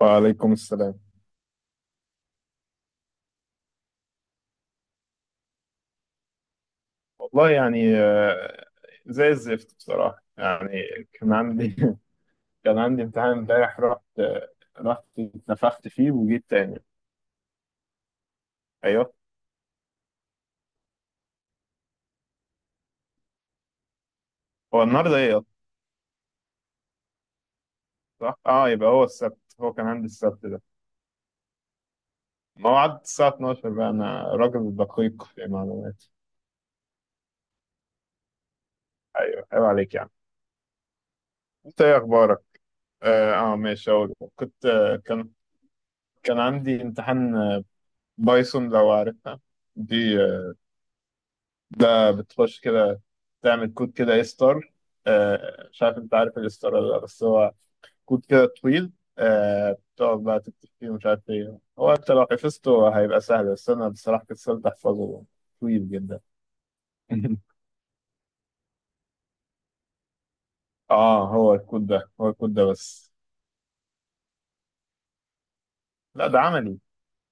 وعليكم السلام. والله يعني، زي الزفت بصراحة يعني. كان عندي كان عندي امتحان امبارح، رحت اتنفخت فيه وجيت تاني. ايوه. هو النهارده ايه أصلاً؟ صح، اه، يبقى هو السبت، هو كان عندي السبت ده موعد الساعة 12. بقى انا راجل دقيق في المعلومات. ايوه، عيب عليك يعني. انت ايه اخبارك؟ ماشي، اقول كنت آه، كان كان عندي امتحان، بايثون، لو عارفها. دي آه، ده بتخش كده تعمل كود كده، اي ستار، مش عارف انت عارف الاي ستار ولا لا، بس هو كود كده طويل. بتقعد بقى تكتب فيه ومش عارف ايه هو، انت لو حفظته هيبقى سهل، بس انا بصراحة كسلت احفظه، طويل جدا. اه، هو الكود ده بس. لا، ده عملي.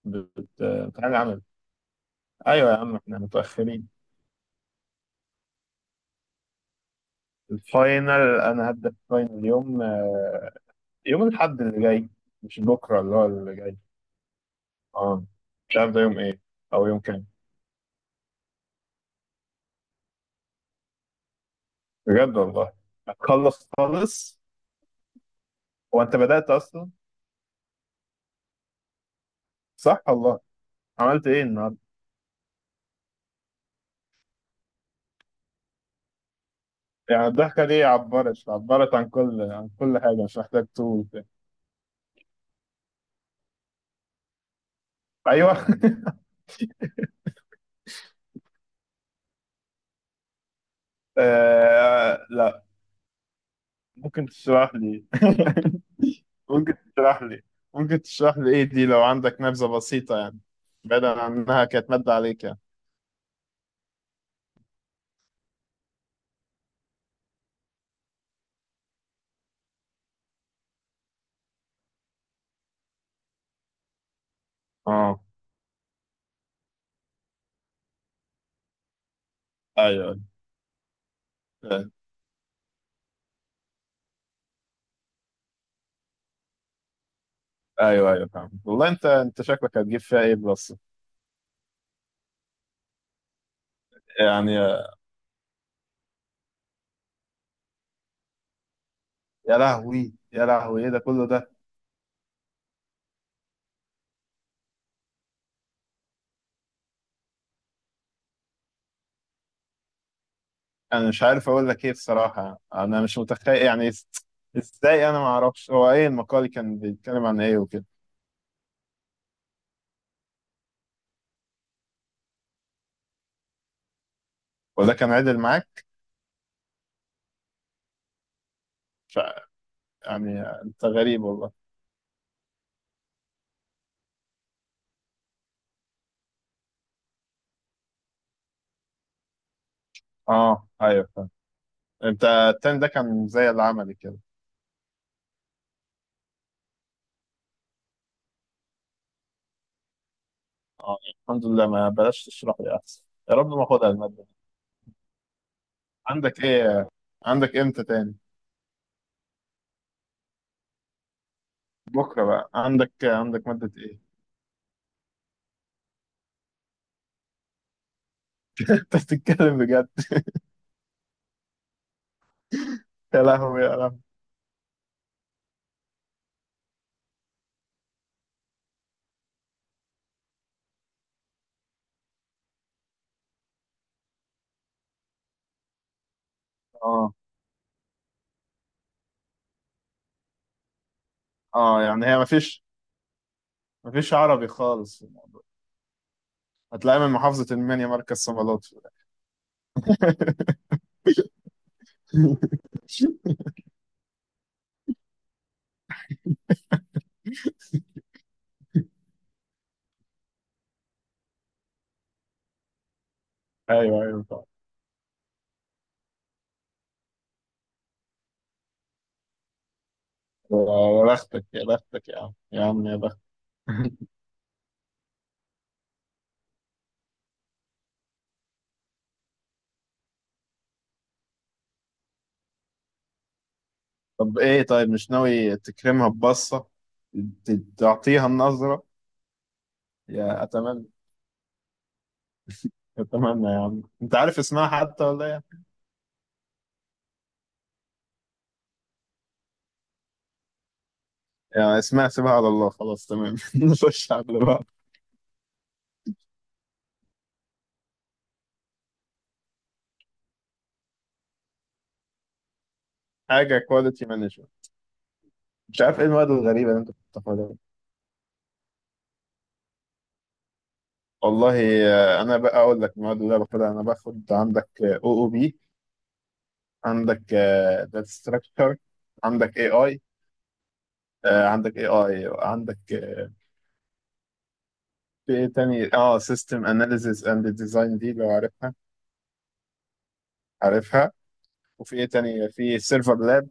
بتعمل عملي. ايوه يا عم، احنا متأخرين. الفاينل؟ انا هبدأ الفاينل يوم، يوم الاحد اللي جاي، مش بكره، اللي هو اللي جاي. اه، مش عارف ده يوم ايه، او يوم كام. بجد والله؟ هتخلص خالص؟ هو انت بدأت اصلا؟ صح والله؟ عملت ايه النهارده؟ يعني، الضحكه دي عبرت عن كل حاجه، مش محتاج تقول. ايوه. آه، لا. ممكن تشرح لي، ممكن تشرح لي ممكن تشرح لي ايه دي، لو عندك نبذه بسيطه يعني، بعيدا عن انها كانت ماده عليك يعني. اه، ايوه، ايوه، ايوه، فاهم والله. انت شكلك هتجيب فيها ايه؟ بلس يعني؟ يا لهوي يا لهوي، ايه ده كله ده؟ انا مش عارف اقول لك ايه بصراحه، انا مش متخيل يعني. ازاي انا ما اعرفش هو ايه المقال، كان بيتكلم عن ايه وكده؟ وده كان عدل معاك؟ ف... يعني انت غريب والله. اه، ايوه فاهم. انت التاني ده كان زي العملي كده؟ اه، الحمد لله، ما بلاش تشرح لي احسن. يا رب ما اخدها الماده دي. عندك ايه؟ عندك امتى تاني؟ بكره بقى عندك ماده ايه؟ انت بتتكلم بجد؟ يا لهوي يا لهوي. اه، اه، يعني هي ما فيش مفيش عربي خالص. هتلاقي من محافظة المنيا مركز صمالوت. ايوه ايوه طبعا. يا بختك يا بختك يا عم، يا عم يا بختك. طب ايه، طيب مش ناوي تكرمها ببصة، ت- تعطيها النظرة؟ يا اتمنى يا عم. انت عارف اسمها حتى ولا ايه؟ يعني اسمها سيبها على الله. خلاص، تمام. نخش على اللي بعد. حاجة كواليتي مانجمنت؟ مش عارف ايه المواد الغريبة اللي انت بتاخدها. والله، انا بقى اقول لك المواد اللي انا باخدها. انا باخد عندك او او بي، عندك داتا ستراكشر، عندك اي اي عندك اي اي، عندك، في ايه تاني، اه سيستم اناليسيس اند ديزاين، دي لو عارفها؟ عارفها. وفي ايه تاني، في سيرفر لاب،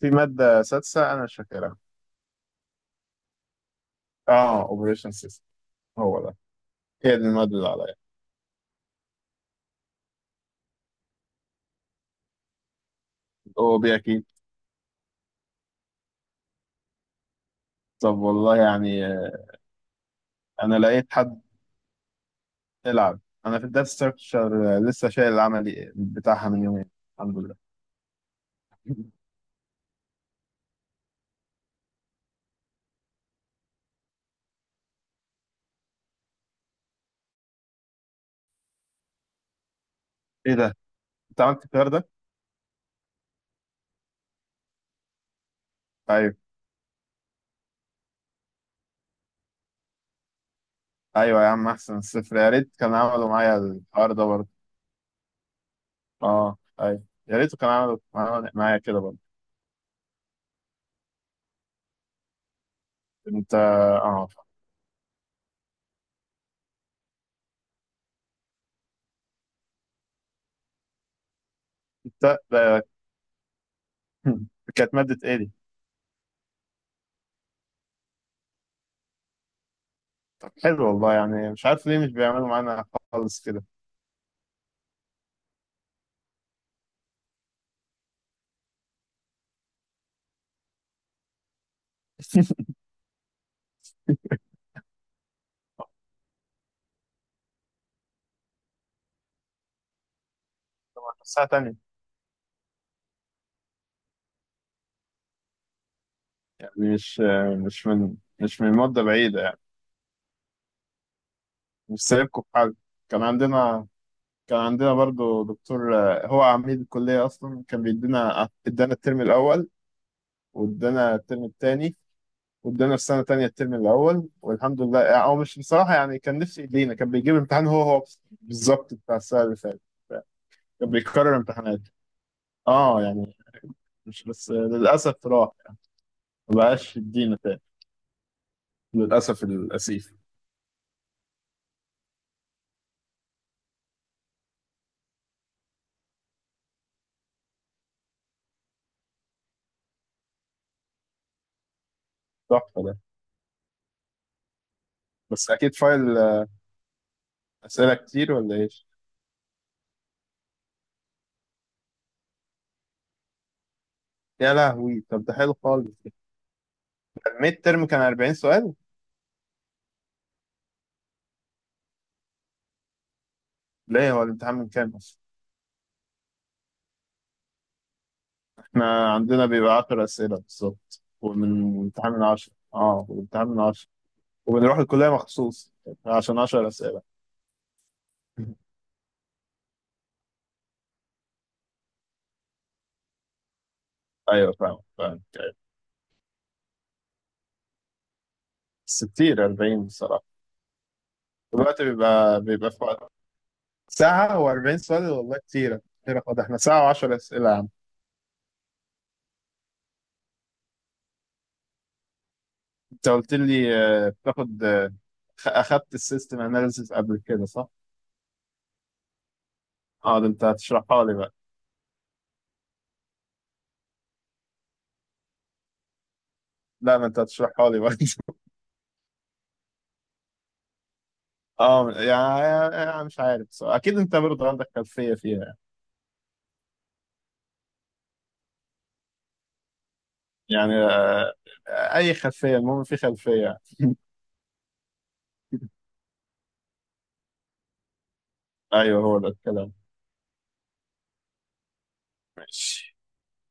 في ماده سادسه انا مش فاكرها، اه اوبريشن سيستم، هو ده. هي دي الماده اللي عليا. هو بي اكيد. طب والله يعني، انا لقيت حد يلعب. انا في الداتا ستراكشر لسه شايل العملي بتاعها من يومين، الحمد لله. ايه ده، انت عملت الكلام ده؟ ايوه، ايوه يا عم، احسن الصفر، يا ريت كان عملوا معايا الحوار ده برضه. اه ايوه، يا ريت كان عملوا معايا كده برضه. انت اه، انت ده. كانت مادة ايه دي؟ طب حلو والله. يعني مش عارف ليه مش بيعملوا معانا خالص كده. طب ساعة تانية، يعني مش من مدة بعيدة يعني، مش سايبكم في حاجة. كان عندنا كان عندنا برضه دكتور، هو عميد الكلية أصلا، كان بيدينا، ادانا الترم الأول، وادانا الترم التاني، وادانا في سنه تانية الترم الاول، والحمد لله يعني. هو مش بصراحه يعني، كان نفسي يدينا، كان بيجيب الامتحان هو هو بالظبط بتاع السنه اللي فاتت، كان بيكرر امتحانات، اه يعني. مش بس للاسف راح، ما بقاش يدينا تاني، للاسف الاسيف. تحفه ده. بس اكيد فايل، اسئله كتير ولا ايش؟ يا لهوي، طب ده حلو خالص. الميد ترم كان 40 سؤال؟ ليه هو الامتحان من كام اصلا؟ احنا عندنا بيبقى 10 اسئله بالظبط، ومن الامتحان من 10، اه، والامتحان من 10، وبنروح الكليه مخصوص عشان 10 اسئله. ايوه، فاهم فاهم. بس كتير 40 بصراحه. دلوقتي بيبقى في وقت، ساعه و40 سؤال والله كتير، كتير خد. احنا ساعه و10 اسئله يا عم. انت قلت لي، بتاخد، اخدت السيستم اناليسيس قبل كده، صح؟ اه، ده انت هتشرحها لي بقى. لا، ما انت هتشرحها لي بقى. اه يعني، انا مش عارف بصراحة. اكيد انت برضه عندك خلفيه فيها. يعني، اي خلفيه، المهم في خلفيه. ايوه، هو ده الكلام. ماشي.